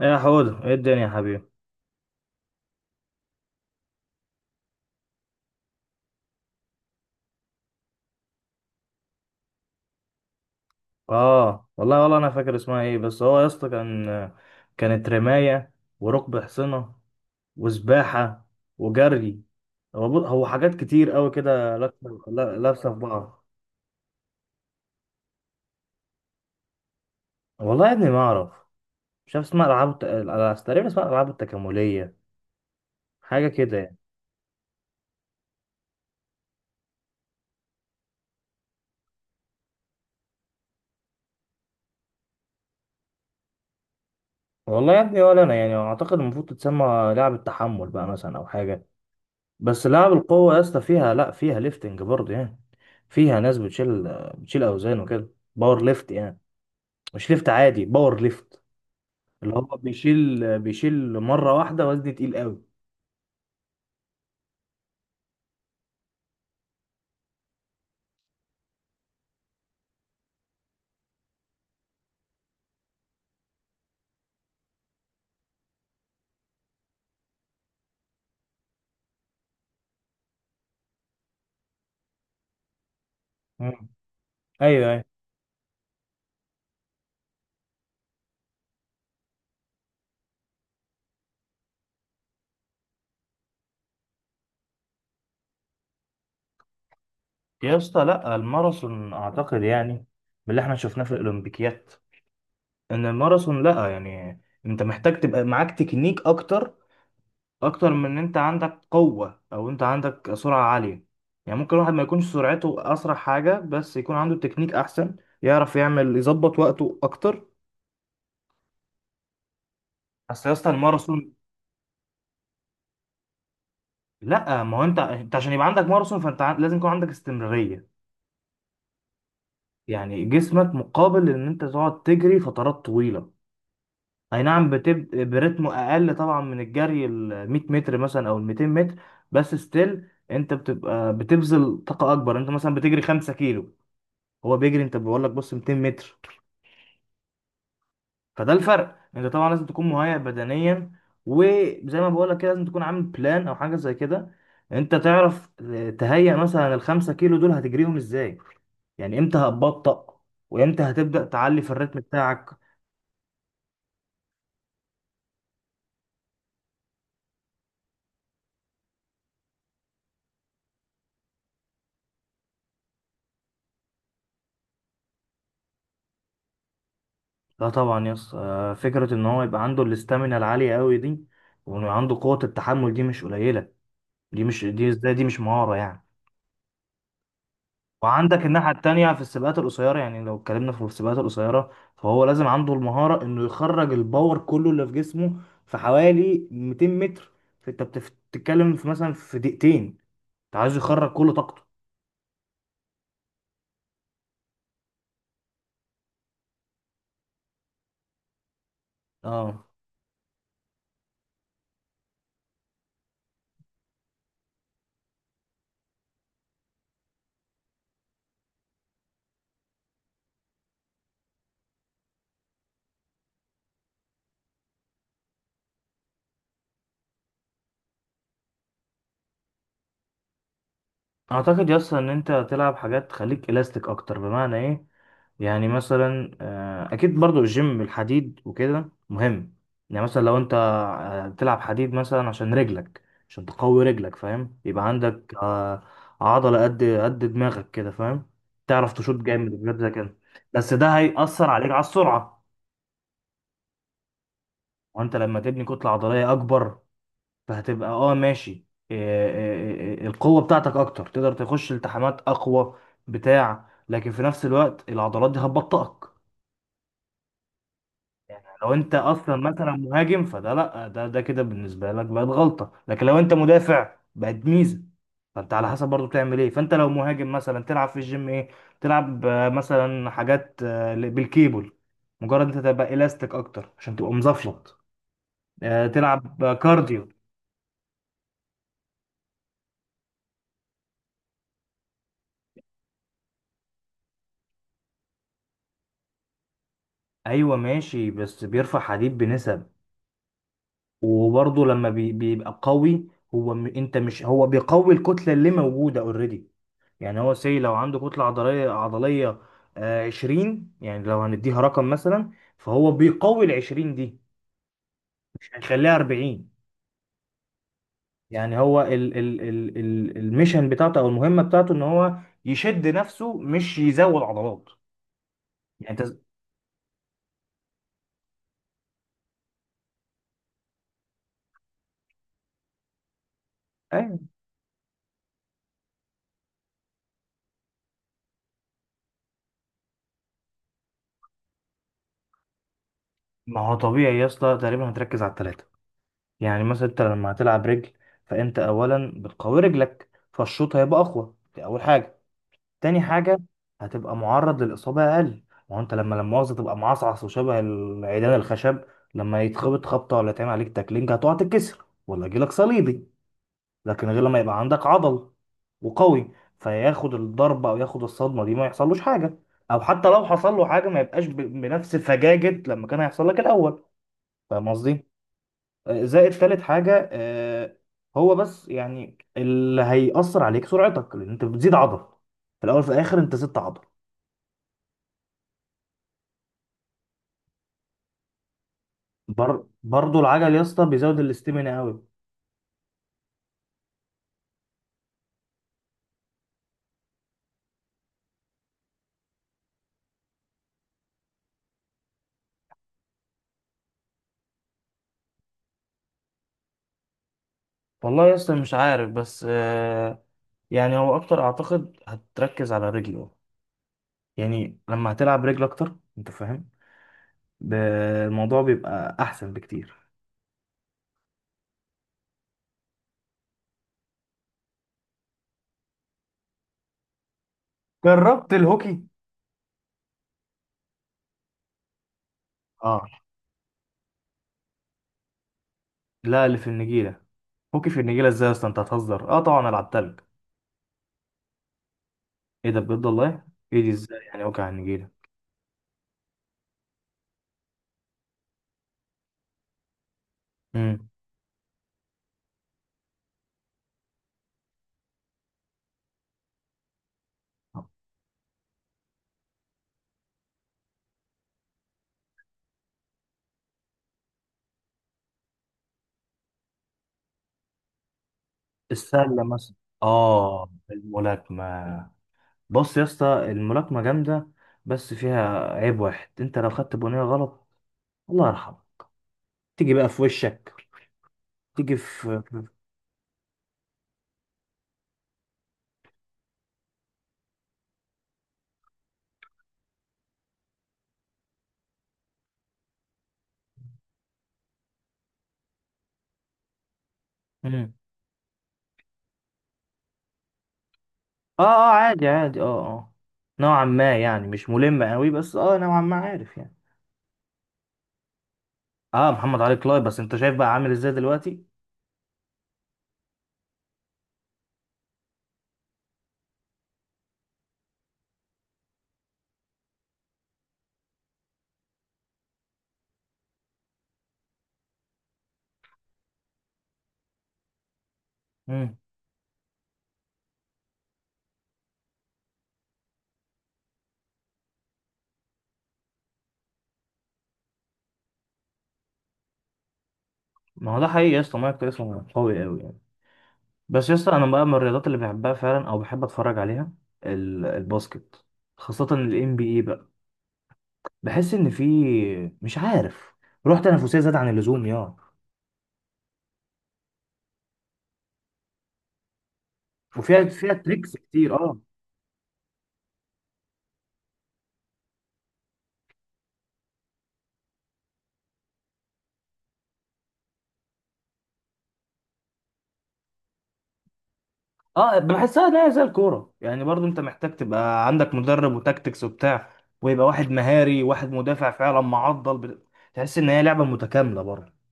ايه يا حوده، ايه الدنيا يا حبيبي؟ اه، والله انا فاكر اسمها ايه، بس هو يا اسطى كانت رمايه، وركب حصنه، وسباحه، وجري. هو حاجات كتير قوي كده لابسه، لابسه في بعض. والله يا ابني ما اعرف، مش عارف اسمها. العاب تقريبا اسمها العاب التكامليه، حاجه كده يعني. والله يا ابني، ولا انا يعني اعتقد المفروض تتسمى لعبه تحمل بقى مثلا، او حاجه. بس لعب القوة يا اسطى فيها، لا، فيها ليفتنج برضه يعني. فيها ناس بتشيل أوزان وكده. باور ليفت يعني، مش ليفت عادي، باور ليفت. اللي هو بيشيل مرة واحدة وزن تقيل قوي. مم. أيوه، أيوه. يا اسطى لا، الماراثون أعتقد يعني من اللي احنا شفناه في الأولمبيكيات، إن الماراثون لا يعني، أنت محتاج تبقى معاك تكنيك اكتر من ان انت عندك قوة، او انت عندك سرعة عالية. يعني ممكن الواحد ما يكونش سرعته اسرع حاجة، بس يكون عنده تكنيك احسن، يعرف يعمل، يظبط وقته اكتر. اصل يا اسطى الماراثون، لا، ما هو انت عشان يبقى عندك ماراثون فانت لازم يكون عندك استمرارية. يعني جسمك مقابل ان انت تقعد تجري فترات طويلة. اي نعم، بتبقى برتم اقل طبعا من الجري ال 100 متر مثلا، او ال 200 متر، بس ستيل انت بتبقى بتبذل طاقة اكبر. انت مثلا بتجري 5 كيلو، هو بيجري، انت بقول لك بص، 200 متر. فده الفرق. انت طبعا لازم تكون مهيئ بدنيا، وزي ما بقول لك كده لازم تكون عامل بلان، او حاجه زي كده. انت تعرف تهيئ مثلا ال 5 كيلو دول هتجريهم ازاي، يعني امتى هتبطأ، وامتى هتبدأ تعلي في الريتم بتاعك. لا طبعا يس. فكرة ان هو يبقى عنده الاستامينا العالية قوي دي، وانه عنده قوة التحمل دي مش قليلة، دي مش، دي ازاي، دي مش مهارة يعني؟ وعندك الناحية التانية في السباقات القصيرة. يعني لو اتكلمنا في السباقات القصيرة، فهو لازم عنده المهارة انه يخرج الباور كله اللي في جسمه في حوالي 200 متر. فانت بتتكلم في، مثلا، في دقيقتين، انت عايز يخرج كل طاقته. اه، اعتقد يس ان انت تلعب حاجات تخليك الاستيك اكتر. بمعنى ايه؟ يعني مثلا اكيد برضو الجيم، الحديد وكده مهم. يعني مثلا لو انت تلعب حديد مثلا عشان رجلك، عشان تقوي رجلك، فاهم؟ يبقى عندك عضلة قد قد دماغك كده، فاهم، تعرف تشوط جامد بجد زي كده. بس ده هيأثر عليك على السرعة، وانت لما تبني كتلة عضلية اكبر فهتبقى، اه ماشي، إيه إيه القوة بتاعتك اكتر، تقدر تخش التحامات اقوى بتاع. لكن في نفس الوقت العضلات دي هتبطئك. لو انت اصلا مثلا مهاجم، فده، لا، ده كده بالنسبة لك بقت غلطة، لكن لو انت مدافع بقت ميزة. فانت على حسب برضو بتعمل ايه. فانت لو مهاجم مثلا تلعب في الجيم ايه؟ تلعب، مثلا حاجات بالكيبل، مجرد انت تبقى الاستيك اكتر عشان تبقى مزفلط. تلعب كارديو. ايوه ماشي، بس بيرفع حديد بنسب، وبرضه لما بيبقى قوي. انت مش، هو بيقوي الكتله اللي موجوده اوريدي. يعني هو سي، لو عنده كتله عضليه آه 20، يعني لو هنديها رقم مثلا، فهو بيقوي ال 20 دي، مش هيخليها 40. يعني هو الميشن بتاعته او المهمه بتاعته ان هو يشد نفسه، مش يزود عضلات يعني. أيوة. ما هو طبيعي يا اسطى، تقريبا هتركز على الثلاثه. يعني مثلا انت لما هتلعب رجل، فانت اولا بتقوي رجلك، فالشوط هيبقى اقوى، دي اول حاجه. تاني حاجه، هتبقى معرض للاصابه اقل. ما هو انت لما مؤاخذه تبقى معصعص وشبه العيدان الخشب، لما يتخبط خبطه، ولا يتعمل عليك تاكلينج، هتقع تتكسر، ولا يجيلك صليبي. لكن غير لما يبقى عندك عضل وقوي، فياخد الضربه او ياخد الصدمه دي ما يحصلوش حاجه. او حتى لو حصل له حاجه ما يبقاش بنفس فجاجه لما كان هيحصل لك الاول. فاهم قصدي؟ زائد تالت حاجة، هو بس يعني اللي هيأثر عليك سرعتك، لأن أنت بتزيد عضل. في الأول في الآخر أنت زدت عضل. برضو العجل يا اسطى بيزود الاستمنة أوي. والله يا اسطى مش عارف، بس يعني هو أكتر أعتقد هتركز على رجله. يعني لما هتلعب رجل أكتر أنت فاهم، ب- الموضوع بيبقى أحسن بكتير. جربت الهوكي؟ اه. لا، اللي في النجيلة. هوكي في النجيلة ازاي يا اسطى، انت هتهزر؟ اه طبعا أنا لعبتها. ايه ده، بجد والله؟ ايه دي ازاي يعني، وجع النجيله. امم. السله مثلا. اه، الملاكمه. بص يا اسطى، الملاكمه جامده، بس فيها عيب واحد، انت لو خدت بنيه غلط، الله يرحمه، تيجي بقى في وشك، تيجي في. امم. اه اه، عادي عادي، اه اه. نوعا ما يعني، مش ملم قوي، بس اه، نوعا ما عارف يعني. اه، محمد علي كلاي، بس انت شايف بقى عامل ازاي دلوقتي. امم. ما هو ده حقيقي يا اسطى، مايكل اسمه قوي قوي يعني. بس يا اسطى انا بقى من الرياضات اللي بحبها فعلا، او بحب اتفرج عليها، الباسكت، خاصة ال NBA بقى. بحس ان في، مش عارف، روح تنافسية زاد عن اللزوم يا. وفيها تريكس كتير، اه. اه بحسها ان هي زي الكورة يعني، برضو انت محتاج تبقى عندك مدرب، وتكتكس وبتاع، ويبقى واحد مهاري، وواحد مدافع، فعلا معضل تحس ان هي لعبة متكاملة برضه.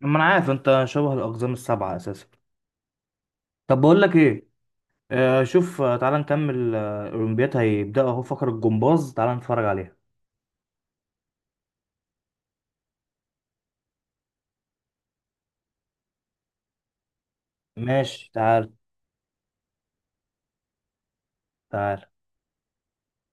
ما انا عارف انت شبه الاقزام السبعة اساسا. طب بقول لك ايه، شوف، تعال نكمل، الأولمبياد هيبدأ أهو، فقرة الجمباز، تعال نتفرج عليها. ماشي، تعال تعال.